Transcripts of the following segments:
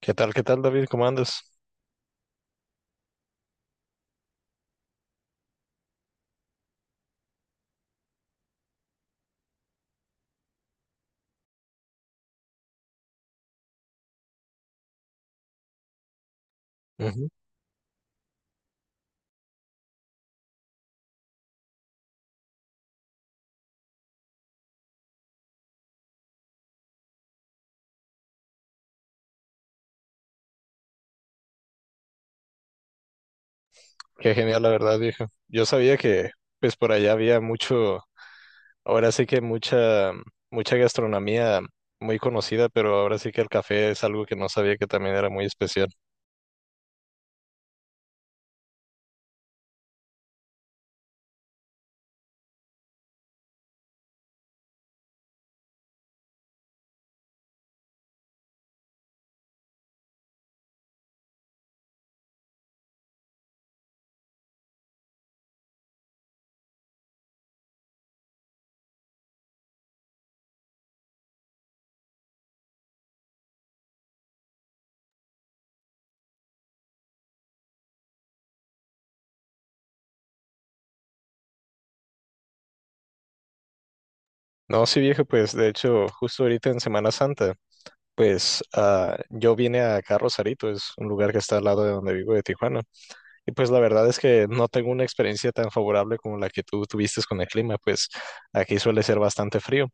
¿Qué tal, David? ¿Cómo andas? Ujú. Qué genial, la verdad, viejo. Yo sabía que, pues, por allá había mucho, ahora sí que mucha, mucha gastronomía muy conocida, pero ahora sí que el café es algo que no sabía que también era muy especial. No, sí, viejo, pues, de hecho, justo ahorita en Semana Santa, pues, yo vine acá a Rosarito, es un lugar que está al lado de donde vivo, de Tijuana. Y pues la verdad es que no tengo una experiencia tan favorable como la que tú tuviste con el clima, pues aquí suele ser bastante frío,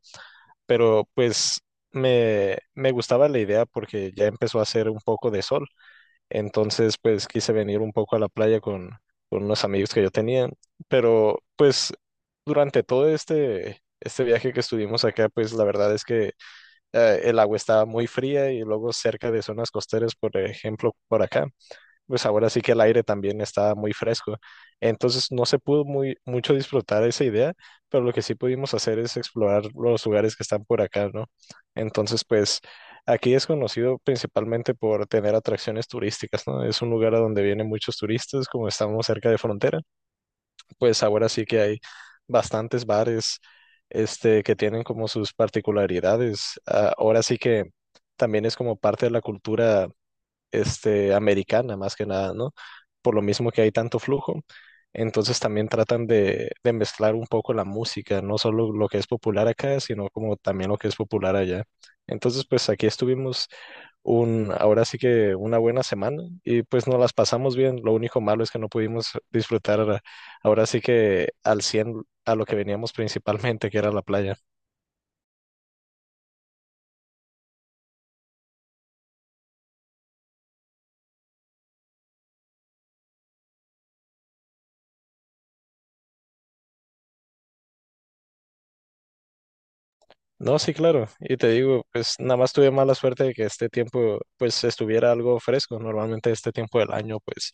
pero pues me gustaba la idea porque ya empezó a hacer un poco de sol, entonces pues quise venir un poco a la playa con unos amigos que yo tenía, pero pues durante todo este viaje que estuvimos acá, pues la verdad es que el agua estaba muy fría y luego cerca de zonas costeras, por ejemplo, por acá pues ahora sí que el aire también está muy fresco. Entonces no se pudo muy mucho disfrutar esa idea, pero lo que sí pudimos hacer es explorar los lugares que están por acá, ¿no? Entonces, pues aquí es conocido principalmente por tener atracciones turísticas, ¿no? Es un lugar a donde vienen muchos turistas, como estamos cerca de frontera, pues ahora sí que hay bastantes bares, este, que tienen como sus particularidades. Ah, ahora sí que también es como parte de la cultura este, americana más que nada, ¿no? Por lo mismo que hay tanto flujo. Entonces también tratan de mezclar un poco la música, no solo lo que es popular acá, sino como también lo que es popular allá. Entonces, pues aquí estuvimos un, ahora sí que una buena semana y pues nos las pasamos bien. Lo único malo es que no pudimos disfrutar ahora sí que al 100 a lo que veníamos principalmente, que era la playa. No, sí, claro. Y te digo, pues nada más tuve mala suerte de que este tiempo, pues estuviera algo fresco. Normalmente este tiempo del año, pues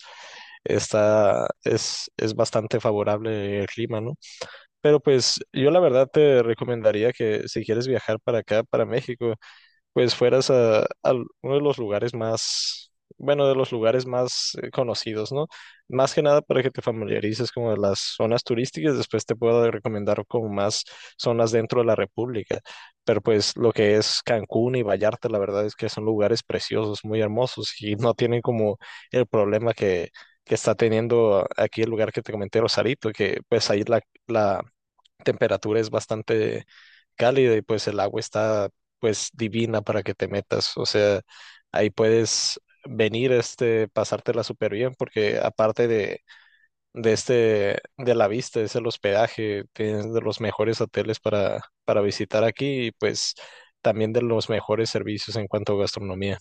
es bastante favorable el clima, ¿no? Pero pues yo la verdad te recomendaría que si quieres viajar para acá, para México, pues fueras a uno de los lugares más, bueno, de los lugares más conocidos, ¿no? Más que nada para que te familiarices como de las zonas turísticas, después te puedo recomendar como más zonas dentro de la República, pero pues lo que es Cancún y Vallarta, la verdad es que son lugares preciosos, muy hermosos y no tienen como el problema que está teniendo aquí el lugar que te comenté, Rosarito, que pues ahí la, temperatura es bastante cálida y pues el agua está pues divina para que te metas. O sea, ahí puedes venir, este, pasártela súper bien porque aparte de este, de la vista, es el hospedaje, tienes de los mejores hoteles para visitar aquí y pues también de los mejores servicios en cuanto a gastronomía.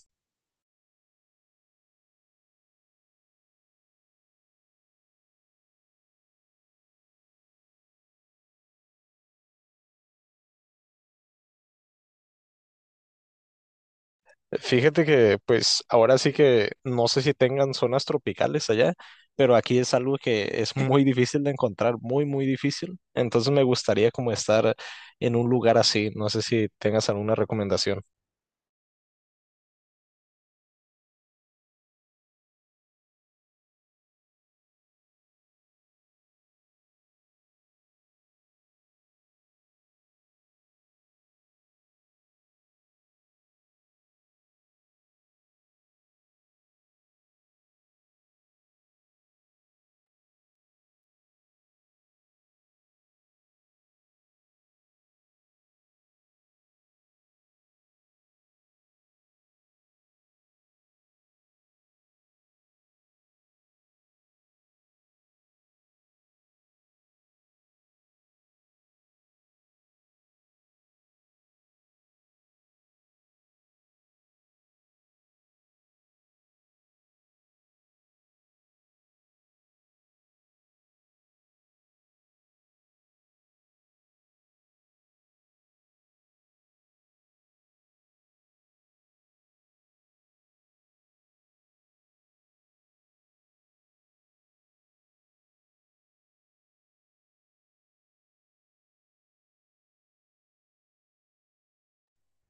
Fíjate que, pues, ahora sí que no sé si tengan zonas tropicales allá, pero aquí es algo que es muy difícil de encontrar, muy, muy difícil. Entonces me gustaría como estar en un lugar así. No sé si tengas alguna recomendación.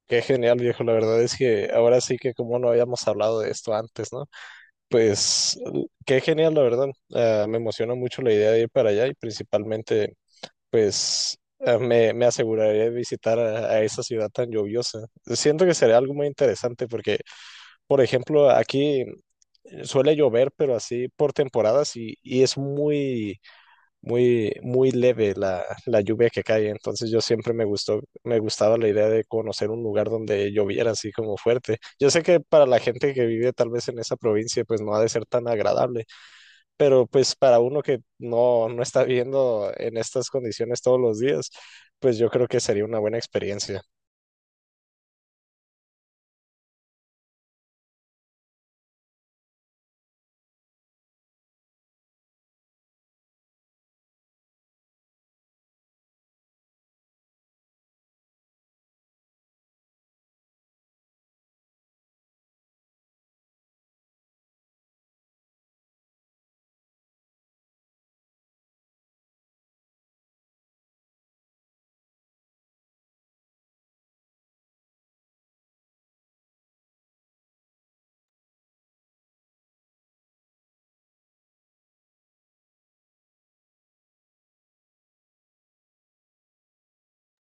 Qué genial, viejo. La verdad es que ahora sí que como no habíamos hablado de esto antes, ¿no? Pues, qué genial, la verdad. Ah, me emociona mucho la idea de ir para allá y principalmente pues me aseguraré de visitar a esa ciudad tan lluviosa. Siento que sería algo muy interesante porque, por ejemplo, aquí suele llover, pero así por temporadas y es muy, muy, muy leve la lluvia que cae. Entonces yo siempre me gustaba la idea de conocer un lugar donde lloviera así como fuerte. Yo sé que para la gente que vive tal vez en esa provincia, pues no ha de ser tan agradable pero pues para uno que no está viendo en estas condiciones todos los días, pues yo creo que sería una buena experiencia.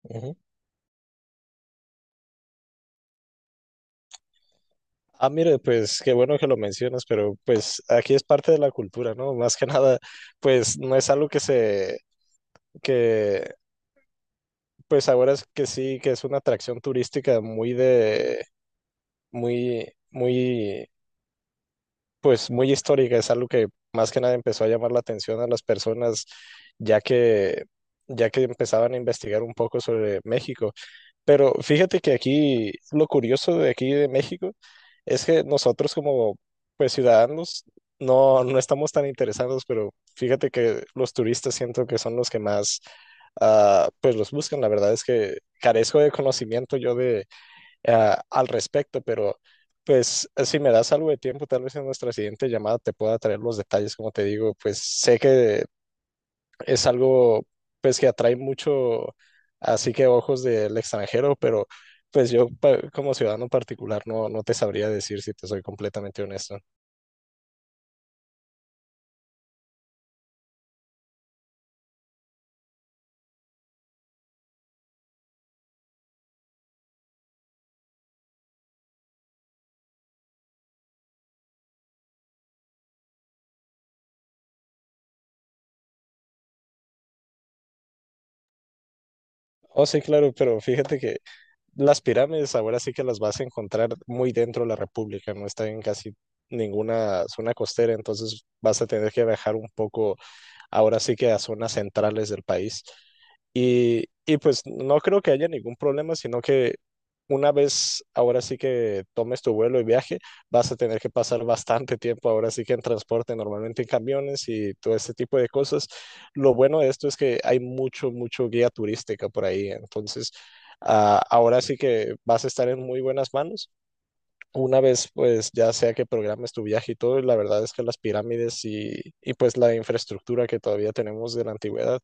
Ujú. Ah, mire, pues qué bueno que lo mencionas, pero pues aquí es parte de la cultura, ¿no? Más que nada, pues no es algo que pues ahora es que sí, que es una atracción turística muy de, muy, muy pues muy histórica, es algo que más que nada empezó a llamar la atención a las personas ya que ya que empezaban a investigar un poco sobre México. Pero fíjate que aquí lo curioso de aquí de México es que nosotros como pues ciudadanos no estamos tan interesados, pero fíjate que los turistas siento que son los que más pues los buscan. La verdad es que carezco de conocimiento yo de al respecto, pero pues si me das algo de tiempo, tal vez en nuestra siguiente llamada te pueda traer los detalles, como te digo, pues sé que es algo pues que atrae mucho, así que ojos del extranjero, pero pues yo como ciudadano particular no, no te sabría decir si te soy completamente honesto. Oh, sí, claro, pero fíjate que las pirámides ahora sí que las vas a encontrar muy dentro de la República, no está en casi ninguna zona costera, entonces vas a tener que viajar un poco ahora sí que a zonas centrales del país. Y pues no creo que haya ningún problema, sino que una vez ahora sí que tomes tu vuelo y viaje, vas a tener que pasar bastante tiempo ahora sí que en transporte, normalmente en camiones y todo este tipo de cosas. Lo bueno de esto es que hay mucho, mucho guía turística por ahí, entonces ahora sí que vas a estar en muy buenas manos. Una vez, pues ya sea que programes tu viaje y todo, la verdad es que las pirámides y pues la infraestructura que todavía tenemos de la antigüedad,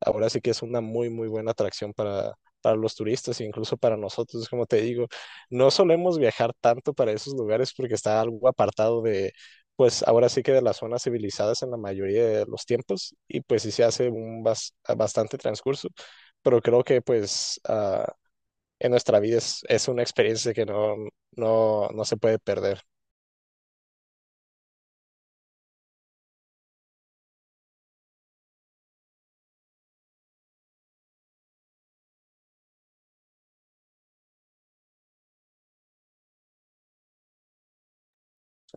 ahora sí que es una muy, muy buena atracción para los turistas e incluso para nosotros, como te digo, no solemos viajar tanto para esos lugares porque está algo apartado de, pues ahora sí que de las zonas civilizadas en la mayoría de los tiempos y pues sí se hace un bastante transcurso, pero creo que pues... ah, en nuestra vida es una experiencia que no se puede perder.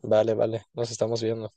Vale, vale, nos estamos viendo.